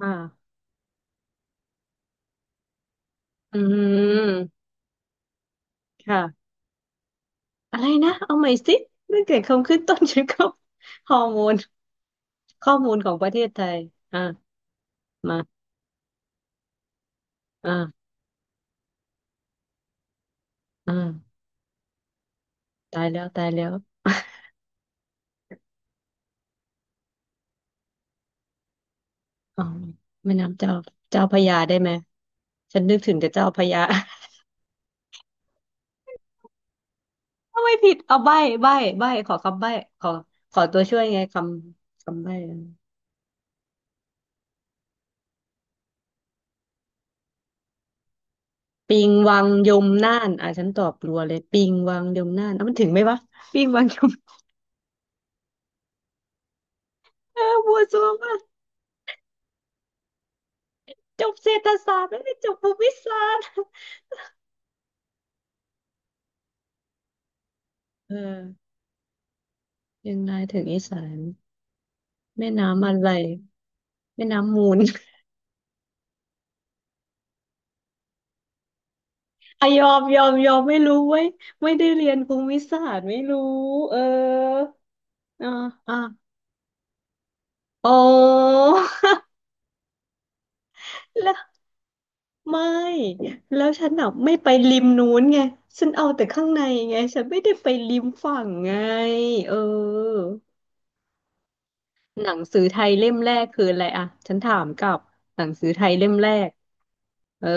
อ่าอืมค่ะอะไรนะเอาใหม่สิเรื่องเกี่ยวกับคำขึ้นต้นชื่อเขาฮอร์โมนข้อมูลของประเทศไทยอ่ามาอ่าอ่าตายแล้วตายแล้วอ๋อแม่น้ำเจ้าเจ้าพระยาได้ไหม ฉันนึกถึงแต่เจ้าพระยา ทำไมผิดเอาใบ้ใบ้ใบ้ขอคำใบ้ขอขอตัวช่วยไงคำคำใบ้อะปิงวังยมน่านอ่ะฉันตอบรัวเลยปิงวังยมน่านเอามันถึงไหมวะปิงวังยม เออบัวซัวมาก จบเศรษฐศาสตร์ไม่ได้จบภูมิศาสตร์เออยังไงถึงอีสานแม่น้ำอะไรแม่น้ำมูล อะยอมยอมยอมไม่รู้ไว้ยไม่ได้เรียนภูมิศาสตร์ไม่รู้เอออ่าอ่าอ๋อ แล้วไม่แล้วฉันอ่ะไม่ไปริมนู้นไงฉันเอาแต่ข้างในไงฉันไม่ได้ไปริมฝั่งไงเออหนังสือไทยเล่มแรกคืออะไรอะฉันถามกลับหนังสือไทยเล่มแรกเออ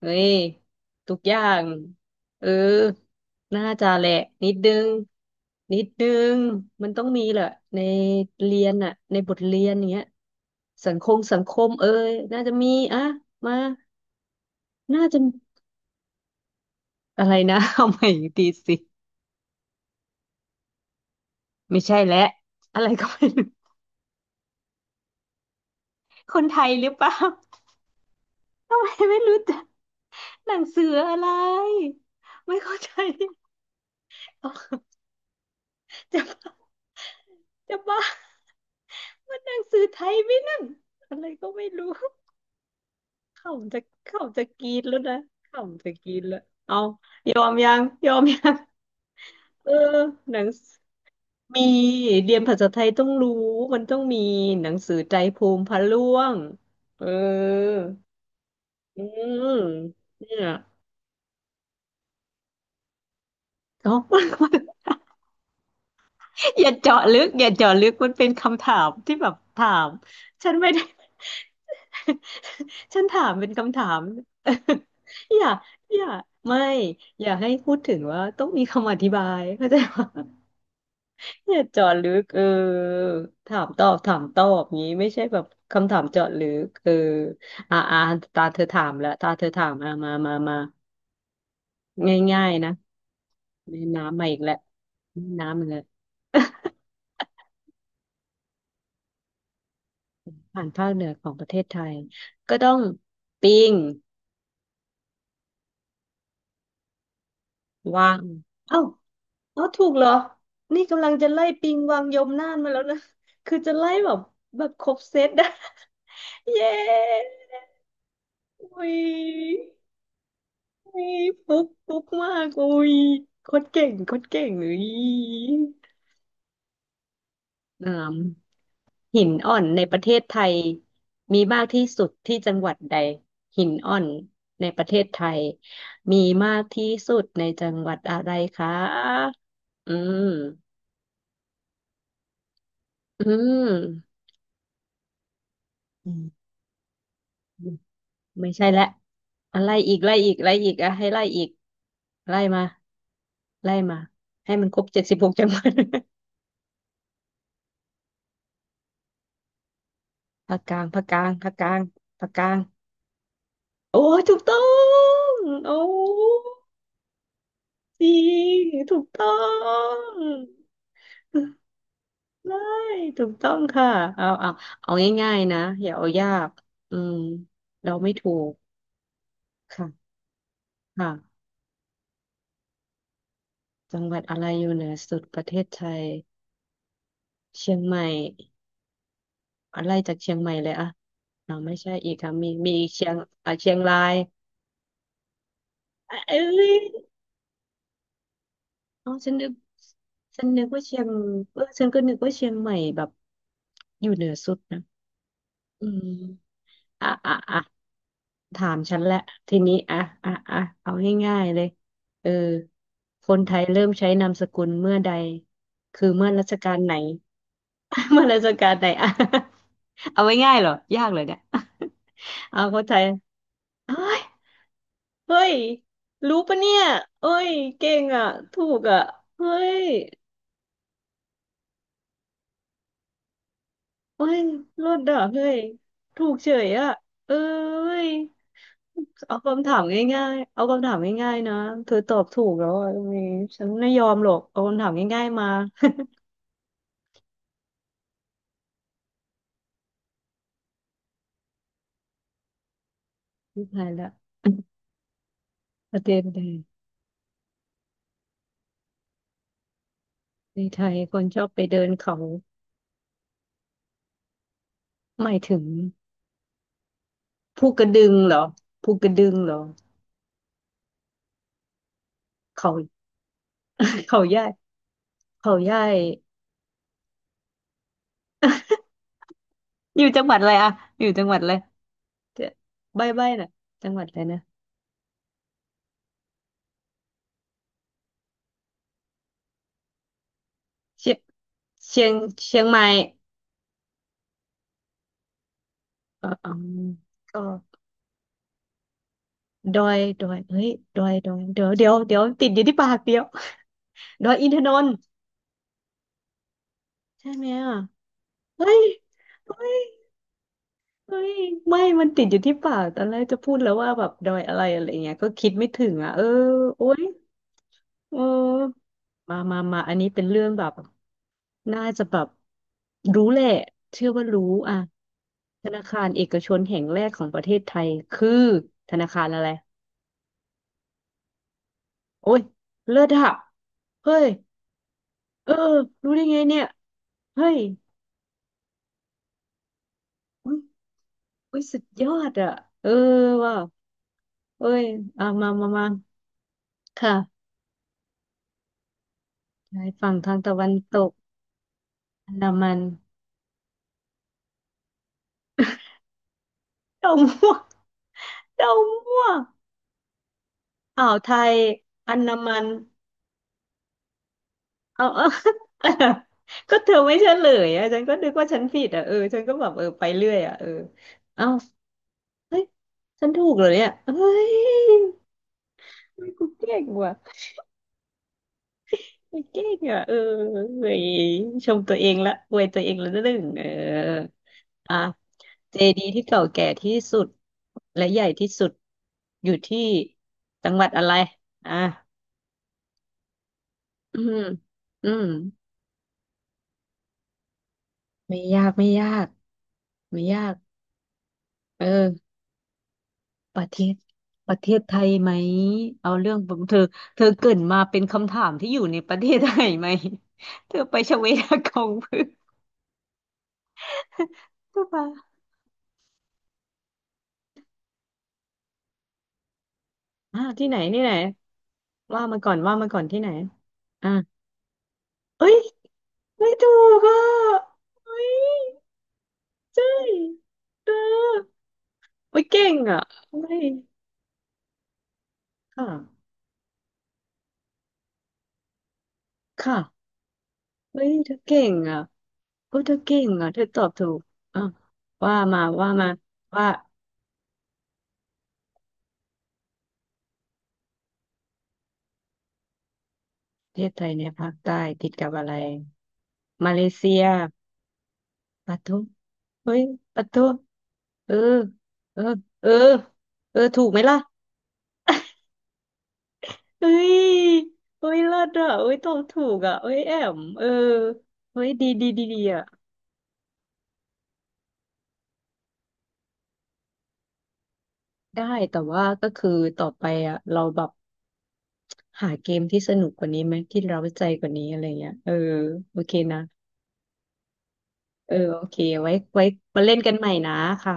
เฮ้ยทุกอย่างเออน่าจะแหละนิดนึงนิดนึงมันต้องมีแหละในเรียนอะในบทเรียนอย่างเงี้ยสังคมสังคมเอ้ยน่าจะมีอะมาน่าจะอะไรนะ เอาใหม่อีกทีสิไม่ใช่แล้วอะไรก็ไม่รู้คนไทยหรือเปล่าทำไมไม่รู้จักหนังสืออะไรไม่เข้าใจ จะ จะบ้า มันหนังสือไทยไหมนั่นอะไรก็ไม่รู้ขำจะขำจะกรีดแล้วนะขำจะกรีดแล้วเอายอมยังยอมยังเออหนังสมีเรียนภาษาไทยต้องรู้มันต้องมีหนังสือใจภูมิพระร่วงเอออืมเนี่ยเอ้า อย่าเจาะลึกอย่าเจาะลึกมันเป็นคำถามที่แบบถามฉันไม่ได้ ฉันถามเป็นคำถาม อย่าอย่าไม่อย่าให้พูดถึงว่าต้องมีคำอธิบาย เข้าใจปะ อย่าเจาะลึกเออถามตอบถามตอบงี้ไม่ใช่แบบคำถามเจาะลึกเอออ่าอ่าตาเธอถามแล้วตาเธอถามอ่ามามามาง่ายๆนะแม่น้ำมาอีกแล้วแม่น้ำมาแล้ว ผ่านภาคเหนือของประเทศไทย ก็ต้องปิงวางเอ้า อ๋อถูกเหรอนี่กำลังจะไล่ปิงวังยมน่านมาแล้วนะ คือจะไล่แบบแบบครบเซตนะ เย้อุ้ยอุ้ยฟุกฟุกมากอุ้ยโคตรเก่งโคตรเก่งอุ้ยอ่าหินอ่อนในประเทศไทยมีมากที่สุดที่จังหวัดใดหินอ่อนในประเทศไทยมีมากที่สุดในจังหวัดอะไรคะ อืมอืม ไม่ใช่และอะไรอีกไล่อีกไล่อีกอะให้ไล่อีกไล่มาไล่มาให้มันครบ76จังหวัด ภาคกลางภาคกลางภาคกลางภาคกลางโอ้ยถูกต้องโอ้จริงถูกต้องได้ถูกต้องค่ะเอาเอาเอาง่ายๆนะอย่าเอายากอืมเราไม่ถูกค่ะค่ะจังหวัดอะไรอยู่เหนือสุดประเทศไทยเชียงใหม่ อะไล่จากเชียงใหม่เลยอะเ่าไม่ใช่อีกค่ะมีมีอีกเชียงอ่ะเชียงรายอ่ะเอ้ยอ๋อฉันนึกฉันนึกว่าเชียงเออฉันก็นึกว่าเชียงใหม่แบบอยู่เหนือสุดนะอืมอ่ะถามฉันแหละทีนี้อ่ะอ่ะเอาง่ายๆเลยเออคนไทยเริ่มใช้นามสกุลเมื่อใดคือเมื่อรัชกาลไหน เมื่อรัชกาลไหนอ่ะเอาไว้ง่ายเหรอยากเลยเนี่ยเอาคนไทยเอ้ย เฮ้ยรู้ปะเนี่ยเอ้ยเก่งอ่ะ ถูกอ่ะเฮ้ยเอ้ยรอดอ่ะเฮ้ยถูกเฉยอ่ะเอ้ยเอาคำถามง่ายๆ เอาคำถามง่ายๆนะเธอตอบถูกแล้วอ่ะตรงนี้ฉันไม่ยอมหรอกเอาคำถามง่ายๆมา ไม่ทายละ ประเด็นเลยในไทยคนชอบไปเดินเขาหมายถึงภูกระดึงเหรอภูกระดึงเหรอเขาเขาใหญ่เขาใหญ่อยู่จังหวัดอะไรอะอยู่จังหวัดอะไร เดี๋ยวใบ้ใบ้น่ะจังหวัดอะไรนะเชียงเชียงเชียงใหม่เอออืมก็ดอยดอยเฮ้ยดอยดอยเดี๋ยวเดี๋ยวเดี๋ยวติดอยู่ที่ปากเดียว ดอยอินทนนท์ใช่ไหมอ่ะเฮ้ยเฮ้ยเฮ้ยไม่มันติดอยู่ที่ปากตอนแรกจะพูดแล้วว่าแบบดอยอะไรอะไรเงี้ยก็คิดไม่ถึงอ่ะเออโอ๊ย เออมามามาอันนี้เป็นเรื่องแบบน่าจะแบบรู้แหละเชื่อว่ารู้อ่ะธนาคารเอกชนแห่งแรกของประเทศไทยคือธนาคารอะไรโอ้ยเลิศอะเฮ้ยเออรู้ได้ไงเนี่ยเฮ้ยอุ้ยอุ้ยสุดยอดอะเออว่ะเอ้ยอ่ะมามามาค่ะชายฝั่งทางตะวันตกอันดามันดาวม่วงดาวม่วงอ่าวไทยอันดามัน เอา เอา ก็เธอไม่เฉลยอะฉันก็นึกว่าฉันผิดอ่ะเออฉันก็แบบเออไปเรื่อยอ่ะเออเอ้าเฮ้ยฉันถูกเหรอเนี่ยเฮ้ยเฮ้ยกูเก่งว่ะกูเก่งอ่ะเออเฮ้ยชมตัวเองละอวยตัวเองละนิดหนึ่งเอออ่ะเจดีย์ที่เก่าแก่ที่สุดและใหญ่ที่สุดอยู่ที่จังหวัดอะไรอ่ะอืมอืมไม่ยากไม่ยากไม่ยากเออ ประเทศประเทศไทยไหมเอาเรื่องผมเธอเธอเกรินมาเป็นคำถามที่อยู่ในประเทศไทยไหม เธอไปชเวดากองเพื่อเธอมาอ่าที่ไหนที่ไหนว่ามาก่อนว่ามาก่อนที่ไหนอ่าเอ้ยไม่ถูกอ่ะเฮ้ยใช่เธอเฮ้ยเก่งอ่ะเฮ้ยค่ะค่ะเฮ้ยเธอเก่งอ่ะเฮ้ยเธอเก่งอ่ะเธอตอบถูกอ่ะว่ามาว่ามาว่า ประเทศไทยในยภาคใต้ติดกับอะไรมาเลเซียปะทุเฮ้ยปะทุเออเออเออเออถูกไหมล่ะเฮ้ยเฮ้ยเลิศอ่ะเฮ้ยตอบถูกอ่ะเฮ้ยแอมเออเฮ้ยดีอ่ะได้แต่ว่าก็คือต่อไปอ่ะเราแบบหาเกมที่สนุกกว่านี้ไหมที่เราใจกว่านี้อะไรเงี้ยเออโอเคนะเออโอเคไว้ไว้มาเล่นกันใหม่นะคะ